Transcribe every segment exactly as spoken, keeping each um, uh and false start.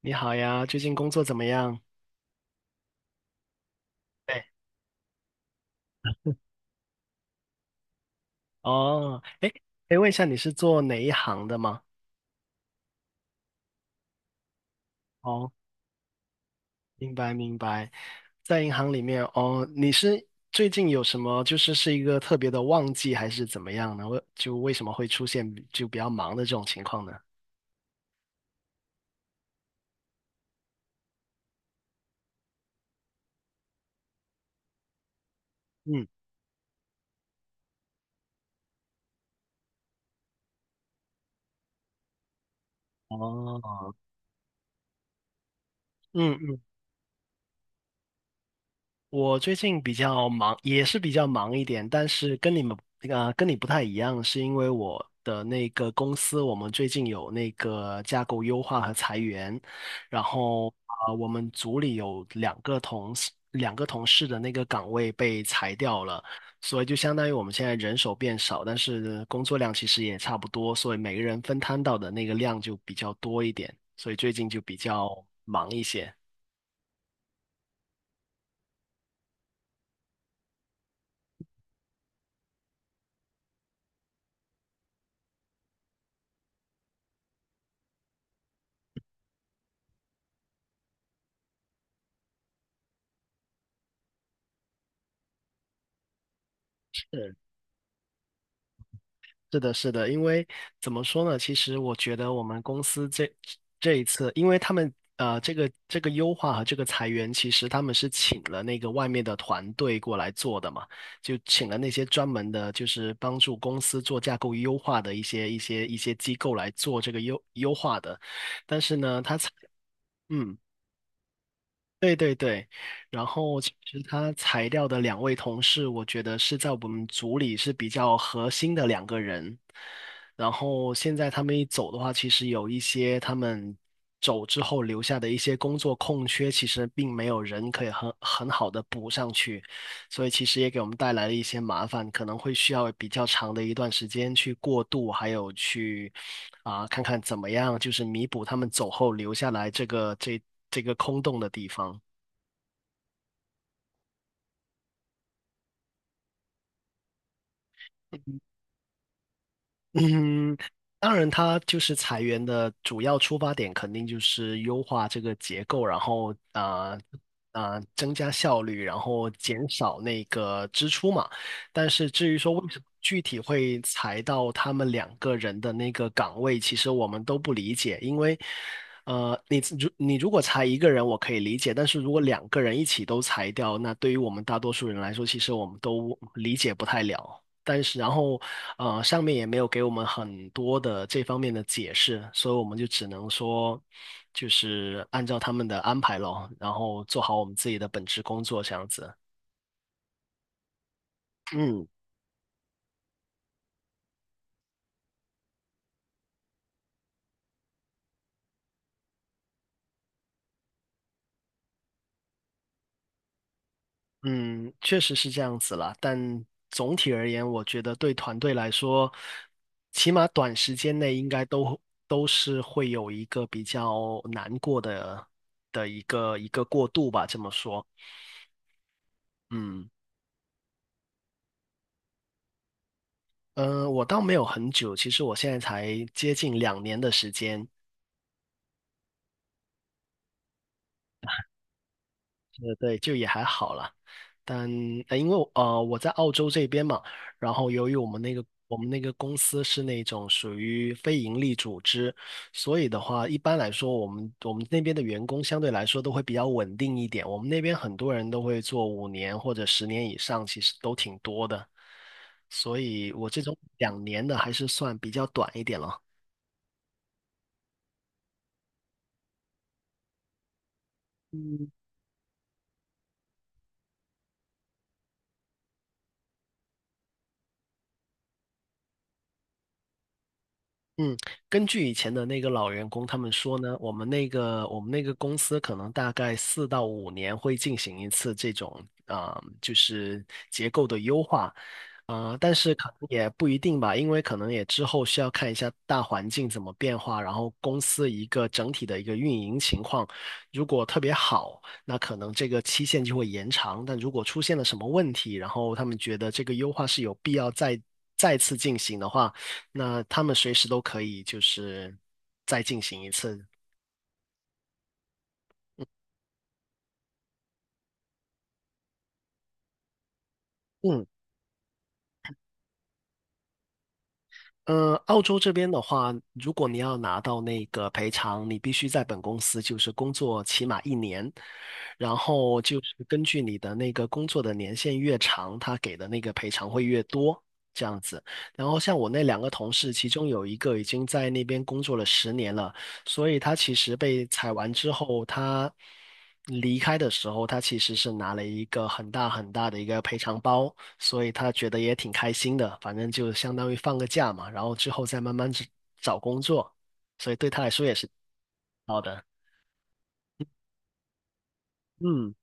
你好呀，最近工作怎么样？对。哦，哎，可以问一下你是做哪一行的吗？哦，明白明白。在银行里面哦，你是最近有什么就是是一个特别的旺季还是怎么样呢？为就为什么会出现就比较忙的这种情况呢？嗯。哦。嗯嗯。我最近比较忙，也是比较忙一点，但是跟你们呃跟你不太一样，是因为我的那个公司，我们最近有那个架构优化和裁员，然后呃我们组里有两个同事，两个同事的那个岗位被裁掉了，所以就相当于我们现在人手变少，但是工作量其实也差不多，所以每个人分摊到的那个量就比较多一点，所以最近就比较忙一些。是的，是的，因为怎么说呢？其实我觉得我们公司这这一次，因为他们呃，这个这个优化和这个裁员，其实他们是请了那个外面的团队过来做的嘛，就请了那些专门的，就是帮助公司做架构优化的一些一些一些机构来做这个优优化的。但是呢，他裁。嗯。对对对。然后其实他裁掉的两位同事，我觉得是在我们组里是比较核心的两个人。然后现在他们一走的话，其实有一些他们走之后留下的一些工作空缺，其实并没有人可以很很好的补上去，所以其实也给我们带来了一些麻烦，可能会需要比较长的一段时间去过渡，还有去啊、看看怎么样，就是弥补他们走后留下来这个这这个空洞的地方。嗯。当然，他就是裁员的主要出发点，肯定就是优化这个结构，然后啊啊、呃呃增加效率，然后减少那个支出嘛。但是至于说为什么具体会裁到他们两个人的那个岗位，其实我们都不理解，因为呃，你如你如果裁一个人，我可以理解，但是如果两个人一起都裁掉，那对于我们大多数人来说，其实我们都理解不太了。但是然后呃上面也没有给我们很多的这方面的解释，所以我们就只能说就是按照他们的安排咯，然后做好我们自己的本职工作这样子。嗯嗯，确实是这样子啦，但总体而言，我觉得对团队来说，起码短时间内应该都都是会有一个比较难过的的一个一个过渡吧，这么说。嗯嗯，呃我倒没有很久，其实我现在才接近两年的时间。呃，对，就也还好啦。但呃因为我呃我在澳洲这边嘛，然后由于我们那个我们那个公司是那种属于非盈利组织，所以的话，一般来说，我们我们那边的员工相对来说都会比较稳定一点。我们那边很多人都会做五年或者十年以上，其实都挺多的。所以我这种两年的还是算比较短一点了。嗯。根据以前的那个老员工他们说呢，我们那个我们那个公司可能大概四到五年会进行一次这种啊、呃就是结构的优化。啊，呃但是可能也不一定吧，因为可能也之后需要看一下大环境怎么变化，然后公司一个整体的一个运营情况，如果特别好，那可能这个期限就会延长，但如果出现了什么问题，然后他们觉得这个优化是有必要再再次进行的话，那他们随时都可以就是再进行一次。嗯。呃，澳洲这边的话，如果你要拿到那个赔偿，你必须在本公司就是工作起码一年，然后就是根据你的那个工作的年限越长，他给的那个赔偿会越多，这样子。然后像我那两个同事，其中有一个已经在那边工作了十年了，所以他其实被裁完之后，他离开的时候，他其实是拿了一个很大很大的一个赔偿包。所以他觉得也挺开心的，反正就相当于放个假嘛，然后之后再慢慢找找工作，所以对他来说也是好的。嗯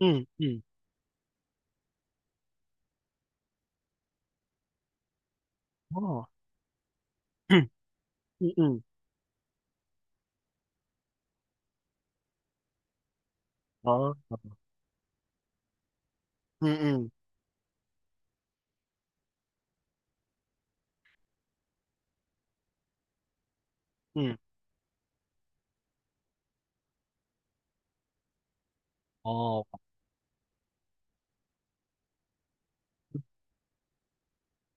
嗯嗯，哦，嗯嗯嗯，哦，嗯嗯嗯，哦，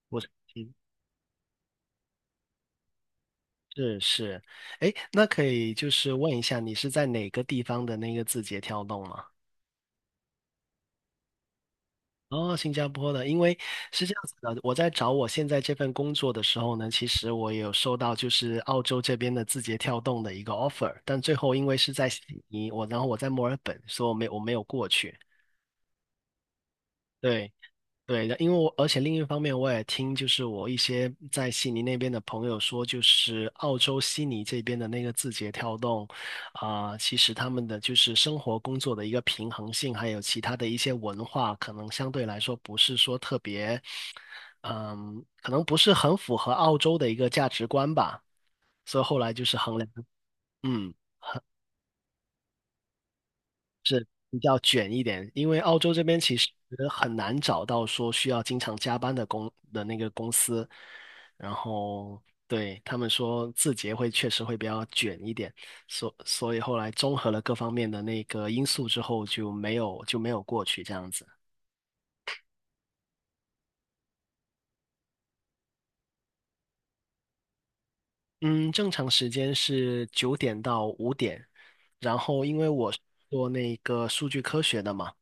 我嗯是是。哎，那可以就是问一下，你是在哪个地方的那个字节跳动吗？哦，新加坡的。因为是这样子的，我在找我现在这份工作的时候呢，其实我也有收到就是澳洲这边的字节跳动的一个 offer，但最后因为是在悉尼，我然后我在墨尔本，所以我没我没有过去。对，对的，因为我而且另一方面，我也听就是我一些在悉尼那边的朋友说，就是澳洲悉尼这边的那个字节跳动，啊、其实他们的就是生活工作的一个平衡性，还有其他的一些文化，可能相对来说不是说特别，嗯，可能不是很符合澳洲的一个价值观吧，所以后来就是衡量。嗯。比较卷一点，因为澳洲这边其实很难找到说需要经常加班的公的那个公司，然后对他们说字节会确实会比较卷一点，所所以后来综合了各方面的那个因素之后就没有就没有过去这样子。嗯，正常时间是九点到五点，然后因为我是做那个数据科学的嘛。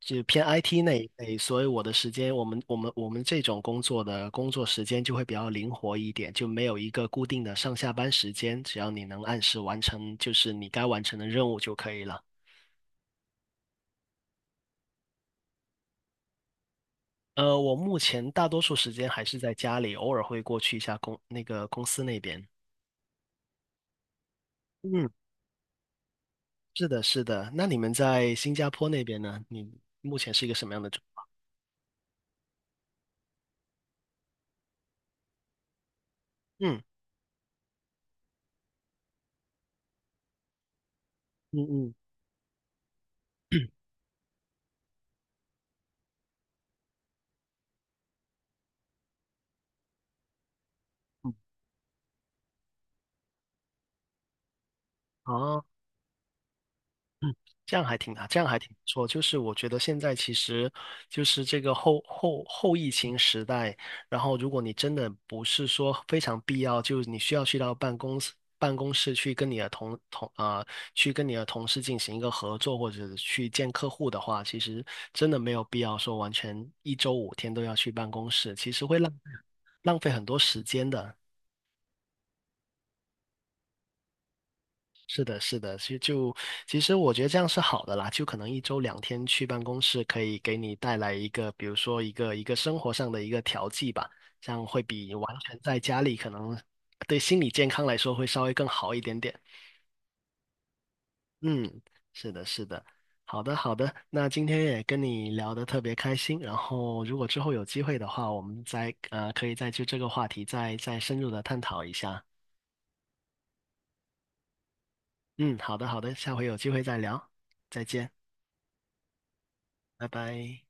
就偏 I T 那一类，所以我的时间，我们我们我们这种工作的工作时间就会比较灵活一点，就没有一个固定的上下班时间，只要你能按时完成，就是你该完成的任务就可以了。呃，我目前大多数时间还是在家里，偶尔会过去一下公那个公司那边。嗯，是的，是的。那你们在新加坡那边呢？你目前是一个什么样的状？嗯嗯嗯嗯，哦。嗯，这样还挺啊，这样还挺不错。就是我觉得现在其实就是这个后后后疫情时代，然后如果你真的不是说非常必要，就是你需要去到办公室办公室去跟你的同同啊、去跟你的同事进行一个合作，或者去见客户的话，其实真的没有必要说完全一周五天都要去办公室，其实会浪浪费很多时间的。是的，是的，其实就其实我觉得这样是好的啦，就可能一周两天去办公室，可以给你带来一个，比如说一个一个生活上的一个调剂吧，这样会比完全在家里可能对心理健康来说会稍微更好一点点。嗯，是的，是的，好的，好的，那今天也跟你聊得特别开心，然后如果之后有机会的话，我们再呃可以再就这个话题再再深入的探讨一下。嗯，好的，好的，下回有机会再聊，再见，拜拜。